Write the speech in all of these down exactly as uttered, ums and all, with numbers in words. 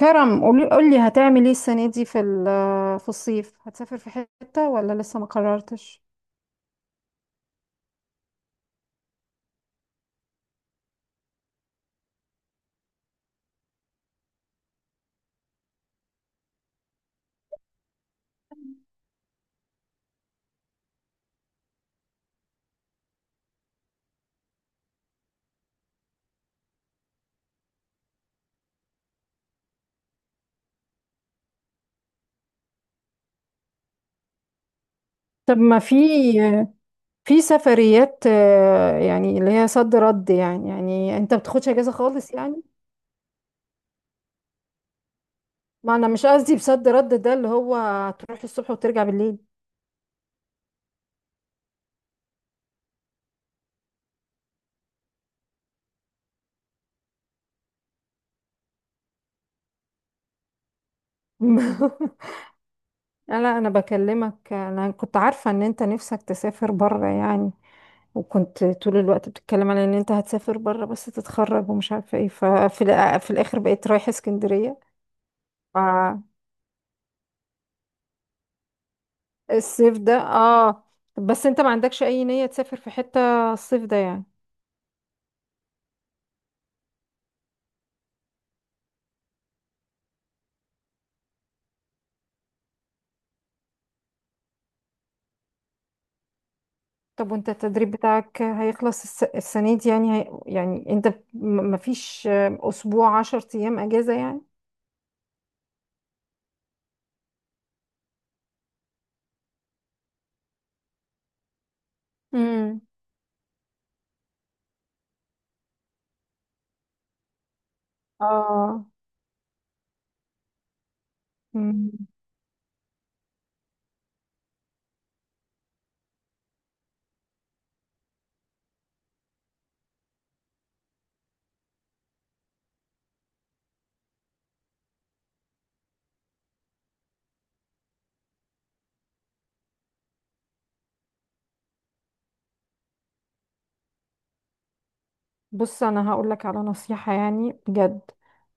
كرم قولي قولي هتعمل ايه السنة دي في ال- في الصيف، هتسافر في حتة ولا لسه ما قررتش؟ طب ما في في سفريات، آه، يعني اللي هي صد رد، يعني يعني انت بتاخدش اجازه خالص يعني؟ ما انا مش قصدي بصد رد ده، اللي هو تروح الصبح وترجع بالليل. لا انا بكلمك، انا كنت عارفه ان انت نفسك تسافر بره يعني، وكنت طول الوقت بتتكلم على ان انت هتسافر بره بس تتخرج ومش عارفه ايه، ففي الأ- في الاخر بقيت رايحه اسكندريه. الصيف ده اه، بس انت ما عندكش اي نية تسافر في حتة الصيف ده يعني؟ طب وانت التدريب بتاعك هيخلص الس... السنة دي يعني، هي... يعني انت م- مفيش اسبوع عشر ايام اجازة يعني؟ امم. اه. مم. بص انا هقول لك على نصيحة يعني بجد،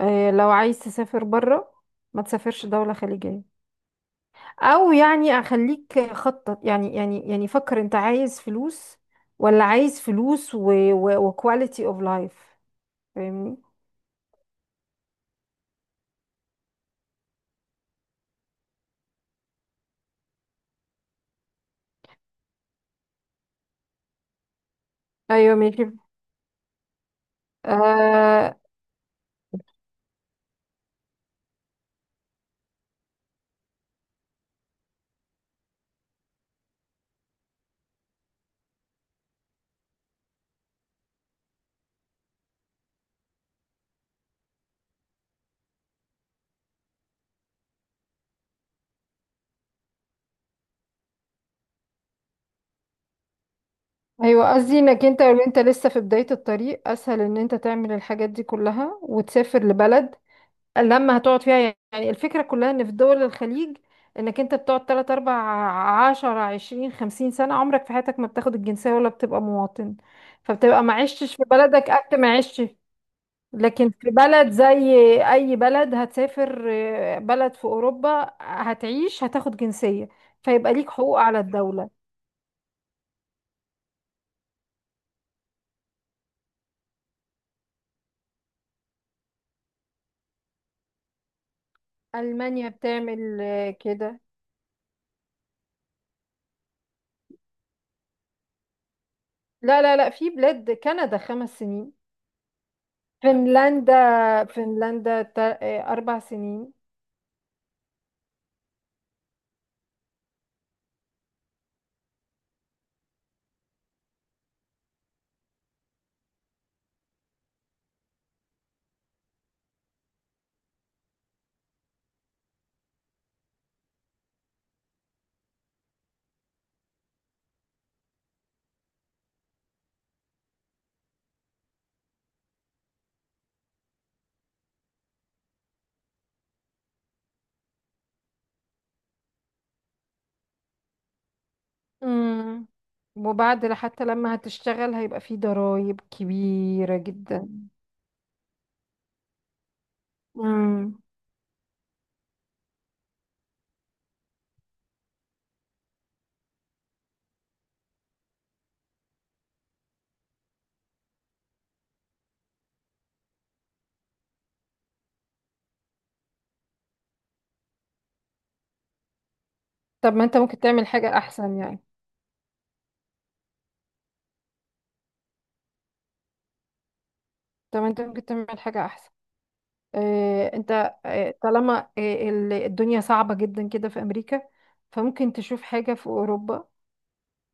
آه لو عايز تسافر بره ما تسافرش دولة خليجية، او يعني اخليك خطط، يعني يعني يعني فكر انت عايز فلوس ولا عايز فلوس و... و... وكواليتي اوف لايف؟ فاهمني؟ ايوه ماشي. آه ايوه، قصدي انك انت لو انت لسه في بداية الطريق اسهل ان انت تعمل الحاجات دي كلها وتسافر لبلد لما هتقعد فيها. يعني الفكرة كلها ان في دول الخليج انك انت بتقعد ثلاثة أربعة عشر عشرين خمسين سنة عمرك في حياتك ما بتاخد الجنسية ولا بتبقى مواطن، فبتبقى ما عشتش في بلدك قد ما عشت. لكن في بلد زي اي بلد هتسافر، آه، بلد في اوروبا هتعيش هتاخد جنسية، فيبقى ليك حقوق على الدولة. ألمانيا بتعمل آه، كده. لا لا لا، في بلاد كندا خمس سنين، فنلندا، فنلندا تا- آه، أربع سنين. مم. وبعد حتى لما هتشتغل هيبقى في ضرائب كبيرة جدا. مم. طب ما انت ممكن تعمل حاجة أحسن يعني؟ طب ما انت ممكن تعمل حاجة أحسن. اه انت، اه طالما آه، ال- الدنيا صعبة جدا كده في أمريكا، فممكن تشوف حاجة في أوروبا.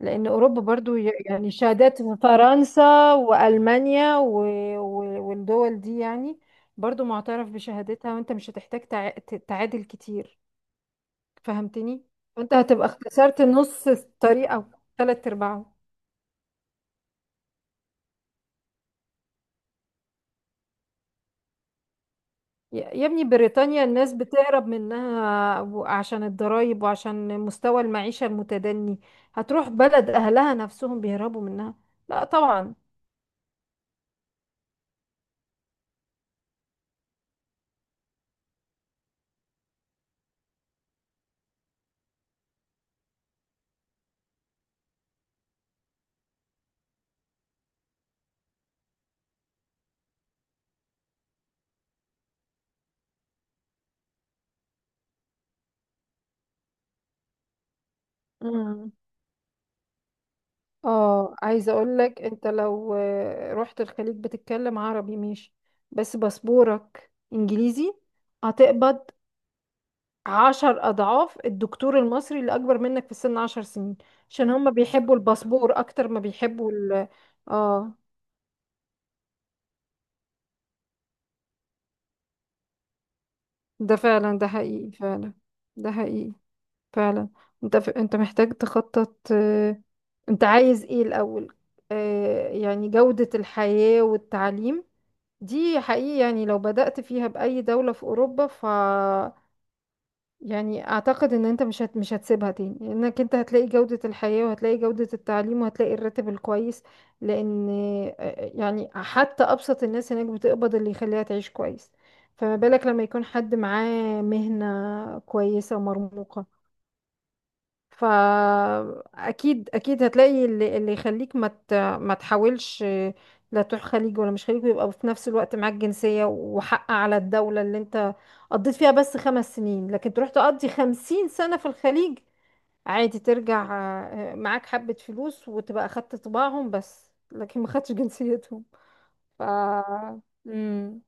لأن أوروبا برضو ي- يعني شهادات فرنسا وألمانيا و... و... والدول دي يعني برضو معترف بشهادتها، وأنت مش هتحتاج تع... ت- تعادل كتير. فهمتني؟ وأنت هتبقى اختصرت نص الطريق أو تلات أرباعه. يا يا ابني، بريطانيا الناس بتهرب منها و- عشان الضرايب وعشان مستوى المعيشة المتدني، هتروح بلد أهلها نفسهم بيهربوا منها. لا طبعا. مم. اه عايزه اقول لك، انت لو آه، رحت الخليج بتتكلم عربي ماشي بس باسبورك انجليزي، هتقبض عشر اضعاف الدكتور المصري اللي اكبر منك في السن عشر سنين، عشان هما بيحبوا الباسبور اكتر ما بيحبوا ال... اه. ده فعلا، ده حقيقي فعلا، ده حقيقي فعلا. انت ف... انت محتاج تخطط، انت عايز ايه الاول؟ آه يعني جودة الحياة والتعليم، دي حقيقي. يعني لو بدأت فيها بأي دولة في أوروبا ف... يعني أعتقد إن أنت مش هت... مش هتسيبها تاني، لأنك أنت هتلاقي جودة الحياة وهتلاقي جودة التعليم وهتلاقي الراتب الكويس. لأن آه، يعني حتى أبسط الناس هناك بتقبض اللي يخليها تعيش كويس. فما بالك لما يكون حد معاه مهنة كويسة ومرموقة؟ فاكيد اكيد هتلاقي اللي, اللي يخليك ما ت- ما تحاولش لا تروح خليج ولا مش خليج، ويبقى في نفس الوقت معاك جنسية وحق على الدولة اللي انت قضيت فيها بس خمس سنين، لكن تروح تقضي خمسين سنة في الخليج عادي ترجع، آه، معاك حبة فلوس وتبقى أخدت طباعهم بس لكن ما خدتش جنسيتهم. ف... مم.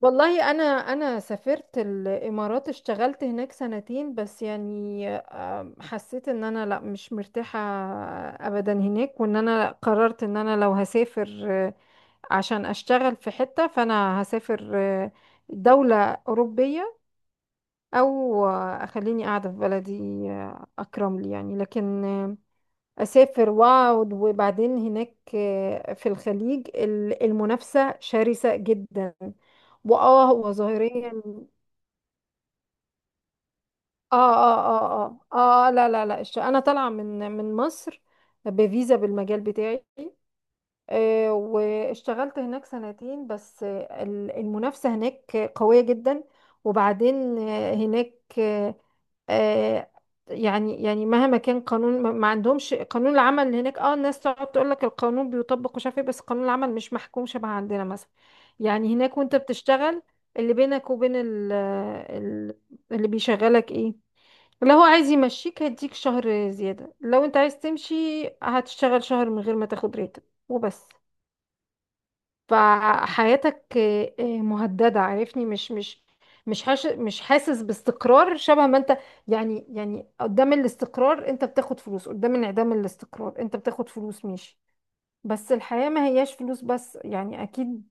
والله انا انا سافرت الامارات اشتغلت هناك سنتين بس يعني، آم، حسيت ان انا لا مش مرتاحة ابدا هناك، وان انا قررت ان انا لو هسافر، آه، عشان اشتغل في حتة فانا هسافر آه، دولة اوروبية، او آه، اخليني قاعدة في بلدي، آه، اكرم لي يعني. لكن اسافر واقعد، وبعدين هناك آه، في الخليج ال- المنافسة شرسة جدا. واه هو ظاهريا، اه اه اه اه اه، آه، لا لا لا، الش- انا طالعة من من مصر بفيزا بالمجال بتاعي، آه، واشتغلت هناك سنتين بس. آه، ال- المنافسة هناك قوية جدا. وبعدين آه، هناك، آه، آه، يعني يعني مهما كان قانون، ما ما عندهمش قانون العمل هناك. اه الناس تقعد تقول لك القانون بيطبق ومش عارف ايه، بس قانون العمل مش محكوم شبه عندنا مثلا. يعني هناك وانت بتشتغل، اللي بينك وبين ال ال- اللي بيشغلك ايه؟ لو هو عايز يمشيك هيديك شهر زيادة، لو انت عايز تمشي هتشتغل شهر من غير ما تاخد راتب وبس. فحياتك آه، آه، مهددة. عارفني، مش مش مش حاش مش حاسس باستقرار شبه ما انت. يعني يعني قدام الاستقرار انت بتاخد فلوس، قدام انعدام الاستقرار انت بتاخد فلوس، ماشي. بس الحياة ما هياش فلوس بس يعني، اكيد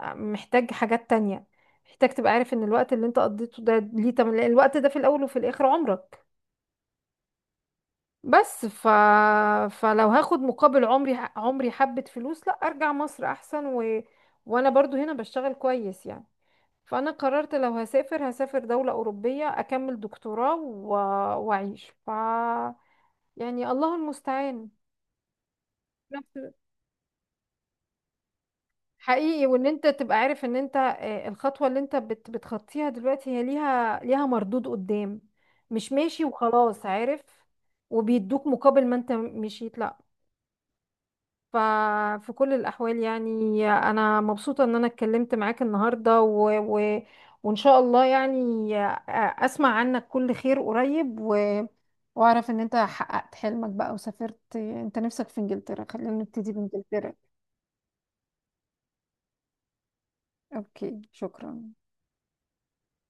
محتاج حاجات تانية، محتاج تبقى عارف ان الوقت اللي انت قضيته ده ليه تمن، لأن الوقت ده في الاول وفي الاخر عمرك. بس ف... فلو هاخد مقابل عمري، عمري حبة فلوس، لا ارجع مصر احسن، و... وانا برضو هنا بشتغل كويس يعني. فانا قررت لو هسافر هسافر دولة اوروبية، اكمل دكتوراه و... واعيش ف... يعني الله المستعان. نفس- حقيقي. وان انت تبقى عارف ان انت، آه، الخطوة اللي انت بت... بتخطيها دلوقتي هي ليها ليها مردود قدام، مش ماشي وخلاص عارف وبيدوك مقابل ما انت مشيت لا. ففي كل الأحوال يعني أنا مبسوطة إن أنا اتكلمت معاك النهاردة و... و... وإن شاء الله يعني أسمع عنك كل خير قريب و... وأعرف إن أنت حققت حلمك بقى وسافرت أنت نفسك في إنجلترا. خلينا نبتدي بإنجلترا. أوكي، شكرا.